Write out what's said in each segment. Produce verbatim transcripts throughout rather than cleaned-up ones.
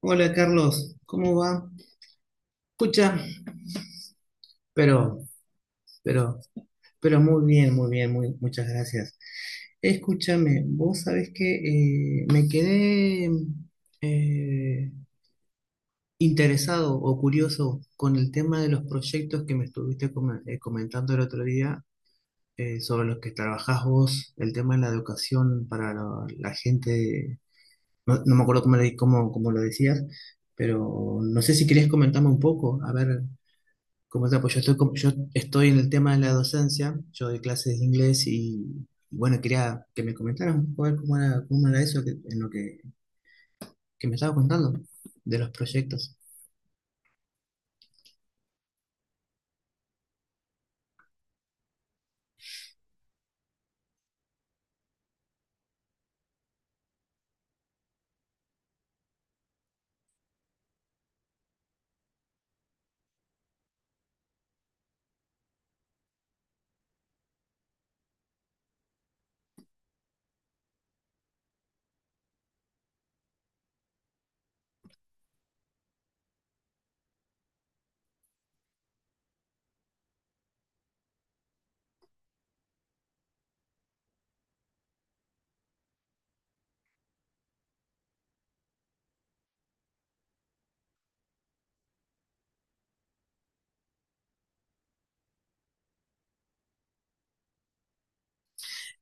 Hola Carlos, ¿cómo va? Escucha, pero, pero, pero muy bien, muy bien, muy, muchas gracias. Escúchame, vos sabés que eh, me quedé eh, interesado o curioso con el tema de los proyectos que me estuviste come- eh, comentando el otro día, eh, sobre los que trabajás vos, el tema de la educación para la, la gente. No, no me acuerdo cómo, le- cómo, cómo lo decías, pero no sé si querés comentarme un poco, a ver. Como tal, pues yo estoy, com- yo estoy en el tema de la docencia, yo doy clases de inglés y, y bueno, quería que me comentaras un poco a ver cómo era, cómo era eso que, en lo que, que me estaba contando de los proyectos.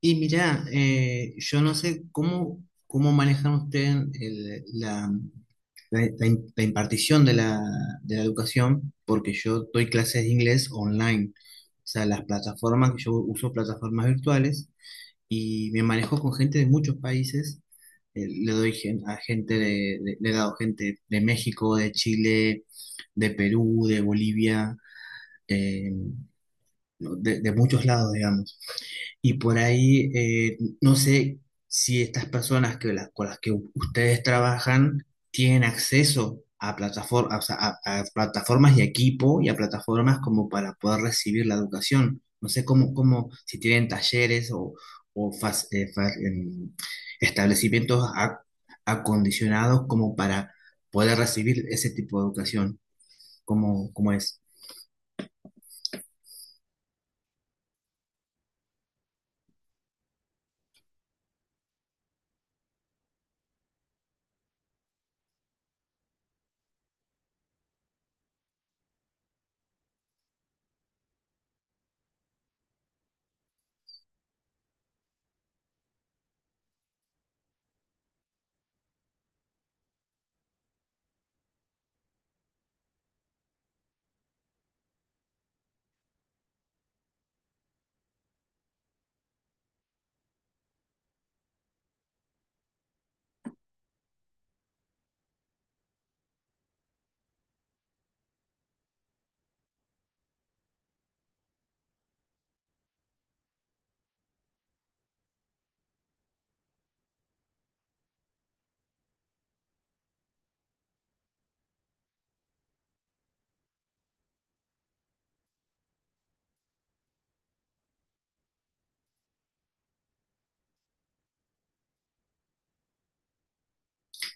Y mirá, eh, yo no sé cómo, cómo manejan ustedes el- la, la- la im- la impartición de la, de la educación, porque yo doy clases de inglés online. O sea, las plataformas que yo uso, plataformas virtuales, y me manejo con gente de muchos países. Eh, le doy gen- a gente, de- de- le he dado gente de México, de Chile, de Perú, de Bolivia, eh, no, de, de muchos lados, digamos. Y por ahí, eh, no sé si estas personas que las, con las que u- ustedes trabajan tienen acceso a, platafor o sea, a, a plataformas y equipo y a plataformas como para poder recibir la educación. No sé cómo, cómo, si tienen talleres o, o fas- eh, fa- em, establecimientos a- acondicionados como para poder recibir ese tipo de educación. ¿Cómo, cómo es?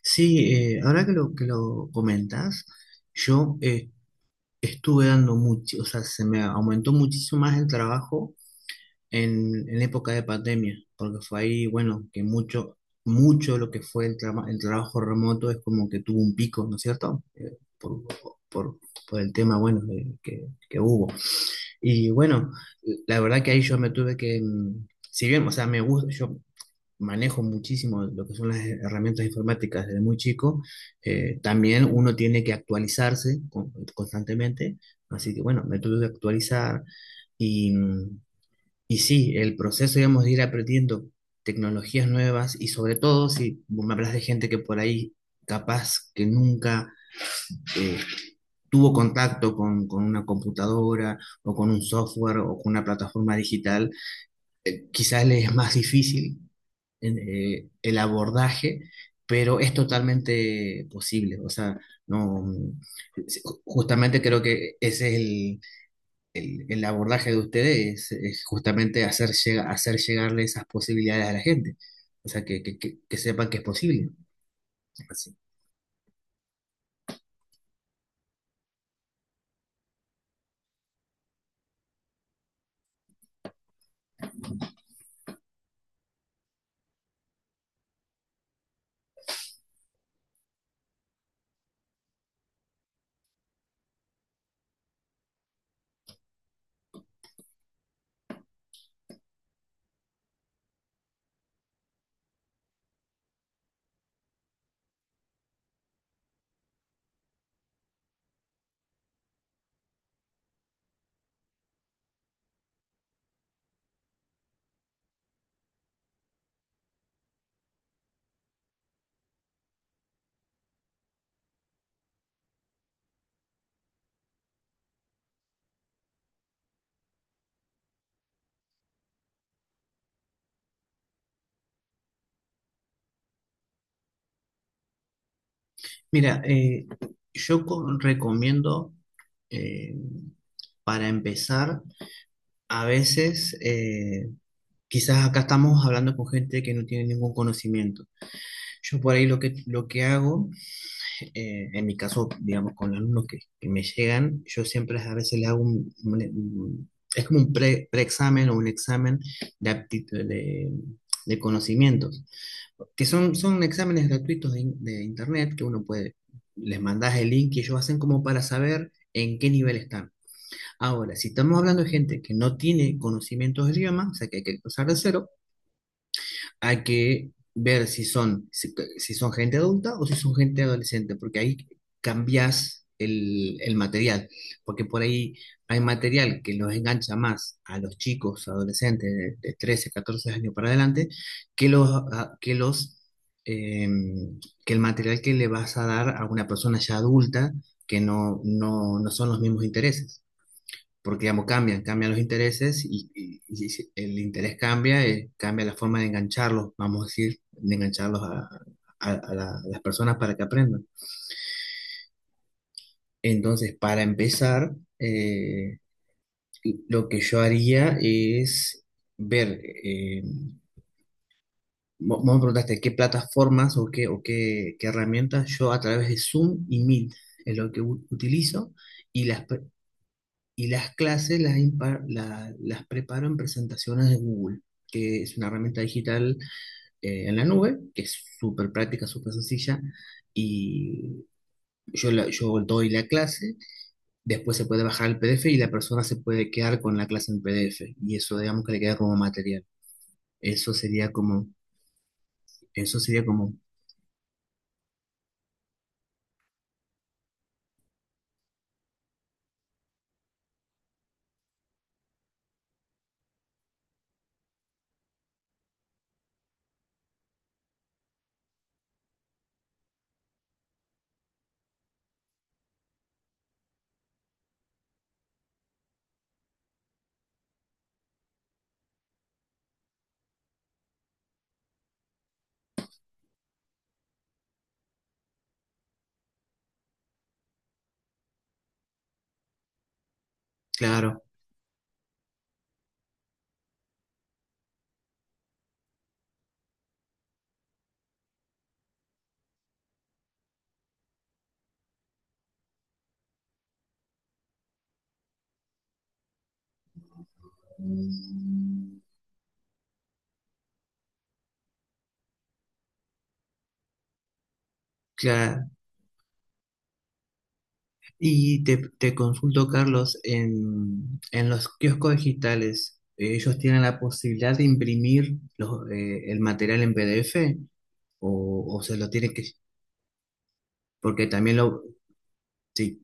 Sí, eh, ahora que lo, que lo comentas, yo eh, estuve dando mucho, o sea, se me aumentó muchísimo más el trabajo en, en época de pandemia, porque fue ahí, bueno, que mucho, mucho lo que fue el, trama- el trabajo remoto es como que tuvo un pico, ¿no es cierto? Eh, por, por, por el tema, bueno, de- que, que hubo. Y bueno, la verdad que ahí yo me tuve que, mm, si bien, o sea, me gusta, yo manejo muchísimo lo que son las herramientas informáticas desde muy chico. Eh, también uno tiene que actualizarse con- constantemente, así que bueno, me tuve que actualizar y, y sí, el proceso, digamos, de ir aprendiendo tecnologías nuevas. Y sobre todo si vos me hablas de gente que por ahí capaz que nunca eh, tuvo contacto con, con una computadora o con un software o con una plataforma digital, eh, quizás les es más difícil en, eh, el abordaje, pero es totalmente posible. O sea, no, ju- justamente creo que ese es el, el- el abordaje de ustedes, es, es justamente hacer, llega- hacer llegarle esas posibilidades a la gente. O sea, que, que, que- que sepan que es posible. Así. Mira, eh, yo co- recomiendo, eh, para empezar, a veces, eh, quizás acá estamos hablando con gente que no tiene ningún conocimiento. Yo por ahí lo que, lo que hago, eh, en mi caso, digamos, con los alumnos que, que me llegan, yo siempre a veces les hago un, un- un- es como un pre, preexamen o un examen de aptitud, de, de conocimientos, que son, son exámenes gratuitos de, in- de internet que uno puede, les mandas el link y ellos hacen como para saber en qué nivel están. Ahora, si estamos hablando de gente que no tiene conocimientos de idioma, o sea, que hay que empezar de cero, hay que ver si son, si, si son gente adulta o si son gente adolescente, porque ahí cambias el, el material, porque por ahí hay material que los engancha más a los chicos, adolescentes de, de trece, catorce años para adelante, que los, a- que los, eh, que el material que le vas a dar a una persona ya adulta, que no, no, no son los mismos intereses porque digamos, cambian, cambian los intereses. Y, y- y si el interés cambia, eh, cambia la forma de engancharlos, vamos a decir, de engancharlos a, a- a la- a las personas para que aprendan. Entonces, para empezar, eh, lo que yo haría es ver, eh, vos vos me preguntaste qué plataformas o qué, o qué, qué herramientas. Yo a través de Zoom y Meet es lo que u- utilizo. Y las, Y las clases las, impar- la- las preparo en presentaciones de Google, que es una herramienta digital eh, en la nube, que es súper práctica, súper sencilla. Y yo, la- yo doy la clase, después se puede bajar el P D F y la persona se puede quedar con la clase en P D F. Y eso, digamos que le queda como material. Eso sería como, eso sería como, claro, claro. Y te, te consulto, Carlos, en, en los kioscos digitales, eh, ¿ellos tienen la posibilidad de imprimir los, eh, el material en P D F o, o se lo tienen que...? Porque también lo... Sí,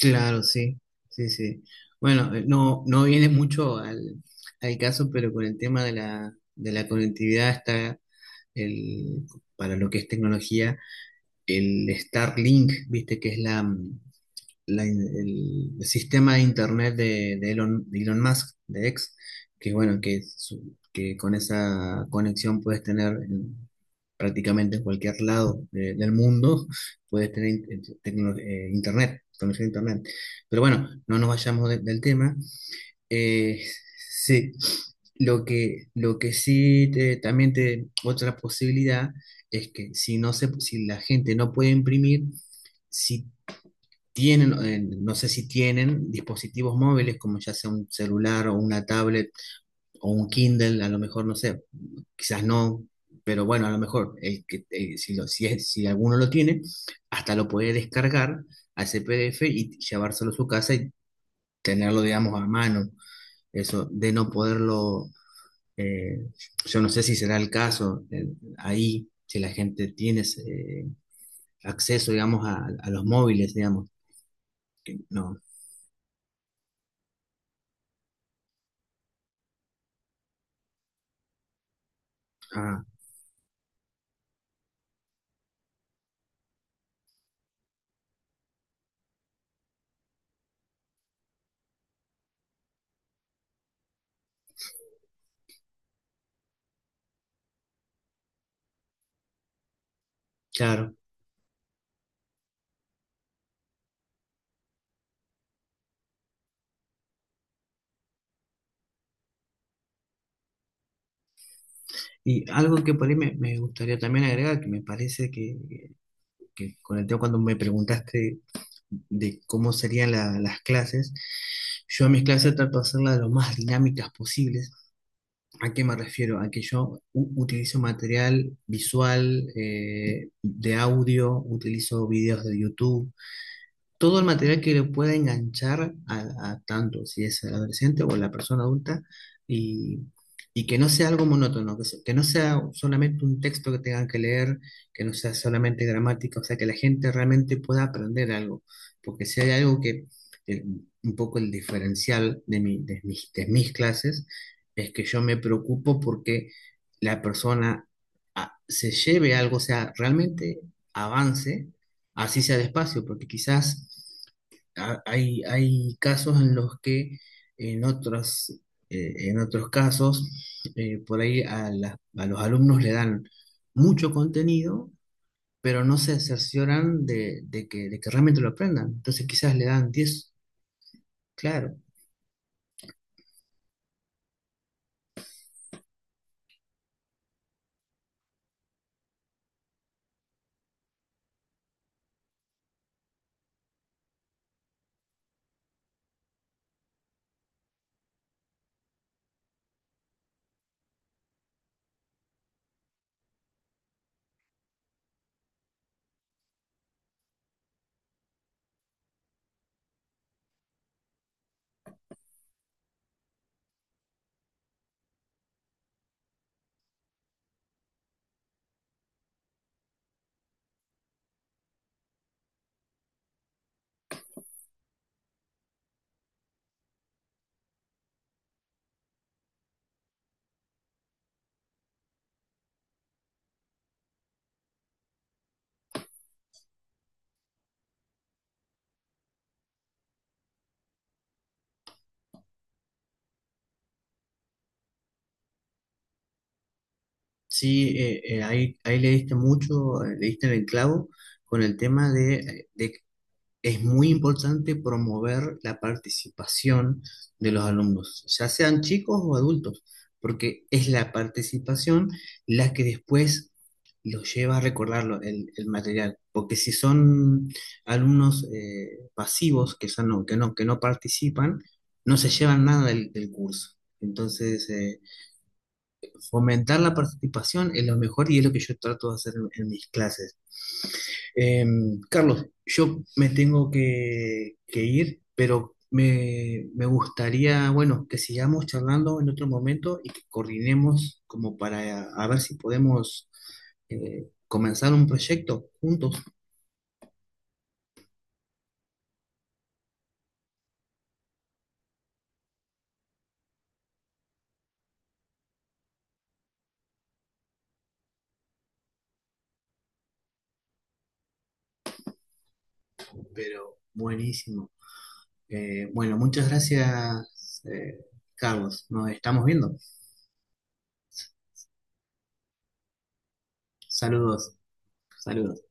claro, sí, sí, sí. Bueno, eh, no, no viene mucho al, al caso, pero con el tema de la, de la conectividad está el, para lo que es tecnología, el Starlink, viste que es la... mm, la el sistema de internet de, de Elon, de Elon Musk, de X, que bueno, que, su- que con esa conexión puedes tener en- prácticamente en cualquier lado de- del mundo, puedes tener in- eh, tecno- eh, internet, conexión a internet. Pero bueno, no nos vayamos de- del tema. Eh, sí, lo que, lo que sí te- también te, otra posibilidad es que si no se, si la gente no puede imprimir, si tienen, eh, no sé si tienen dispositivos móviles como ya sea un celular o una tablet o un Kindle, a lo mejor. No sé, quizás no, pero bueno, a lo mejor el que, eh, si, lo- si, es- si alguno lo tiene, hasta lo puede descargar a ese P D F y llevárselo a su casa y tenerlo, digamos, a mano. Eso de no poderlo, eh, yo no sé si será el caso eh, ahí, si la gente tiene eh, acceso, digamos, a, a los móviles, digamos, no. Ah, claro. Y algo que por ahí me, me gustaría también agregar, que me parece que, que con el tema, cuando me preguntaste de cómo serían la- las clases, yo a mis clases trato de hacerlas lo más dinámicas posibles. ¿A qué me refiero? A que yo u- utilizo material visual, eh, de audio, utilizo videos de YouTube, todo el material que le pueda enganchar a, a tanto si es el adolescente o la persona adulta. Y, y que no sea algo monótono, que, se- que no sea solamente un texto que tengan que leer, que no sea solamente gramática, o sea, que la gente realmente pueda aprender algo, porque si hay algo que el- un poco el diferencial de, mi- de mis, de mis clases, es que yo me preocupo porque la persona ah, se lleve algo, o sea, realmente avance, así sea despacio, porque quizás ha- hay, hay casos en los que en otros, eh, en otros casos, eh, por ahí a, las- a los alumnos le dan mucho contenido, pero no se cercioran de, de que, de que realmente lo aprendan. Entonces quizás le dan diez claro. Sí, eh, eh, ahí, ahí le diste mucho, eh, le diste en el clavo con el tema de, de es muy importante promover la participación de los alumnos, ya sean chicos o adultos, porque es la participación la que después los lleva a recordarlo, el, el material. Porque si son alumnos eh, pasivos, que, son, no, que, no, que no participan, no se llevan nada del, del curso. Entonces, eh, fomentar la participación es lo mejor y es lo que yo trato de hacer en en mis clases. Eh, Carlos, yo me tengo que, que ir, pero me, me gustaría, bueno, que sigamos charlando en otro momento y que coordinemos como para a ver si podemos eh, comenzar un proyecto juntos, pero buenísimo. Eh, bueno, muchas gracias, eh, Carlos. Nos estamos viendo. Saludos, saludos.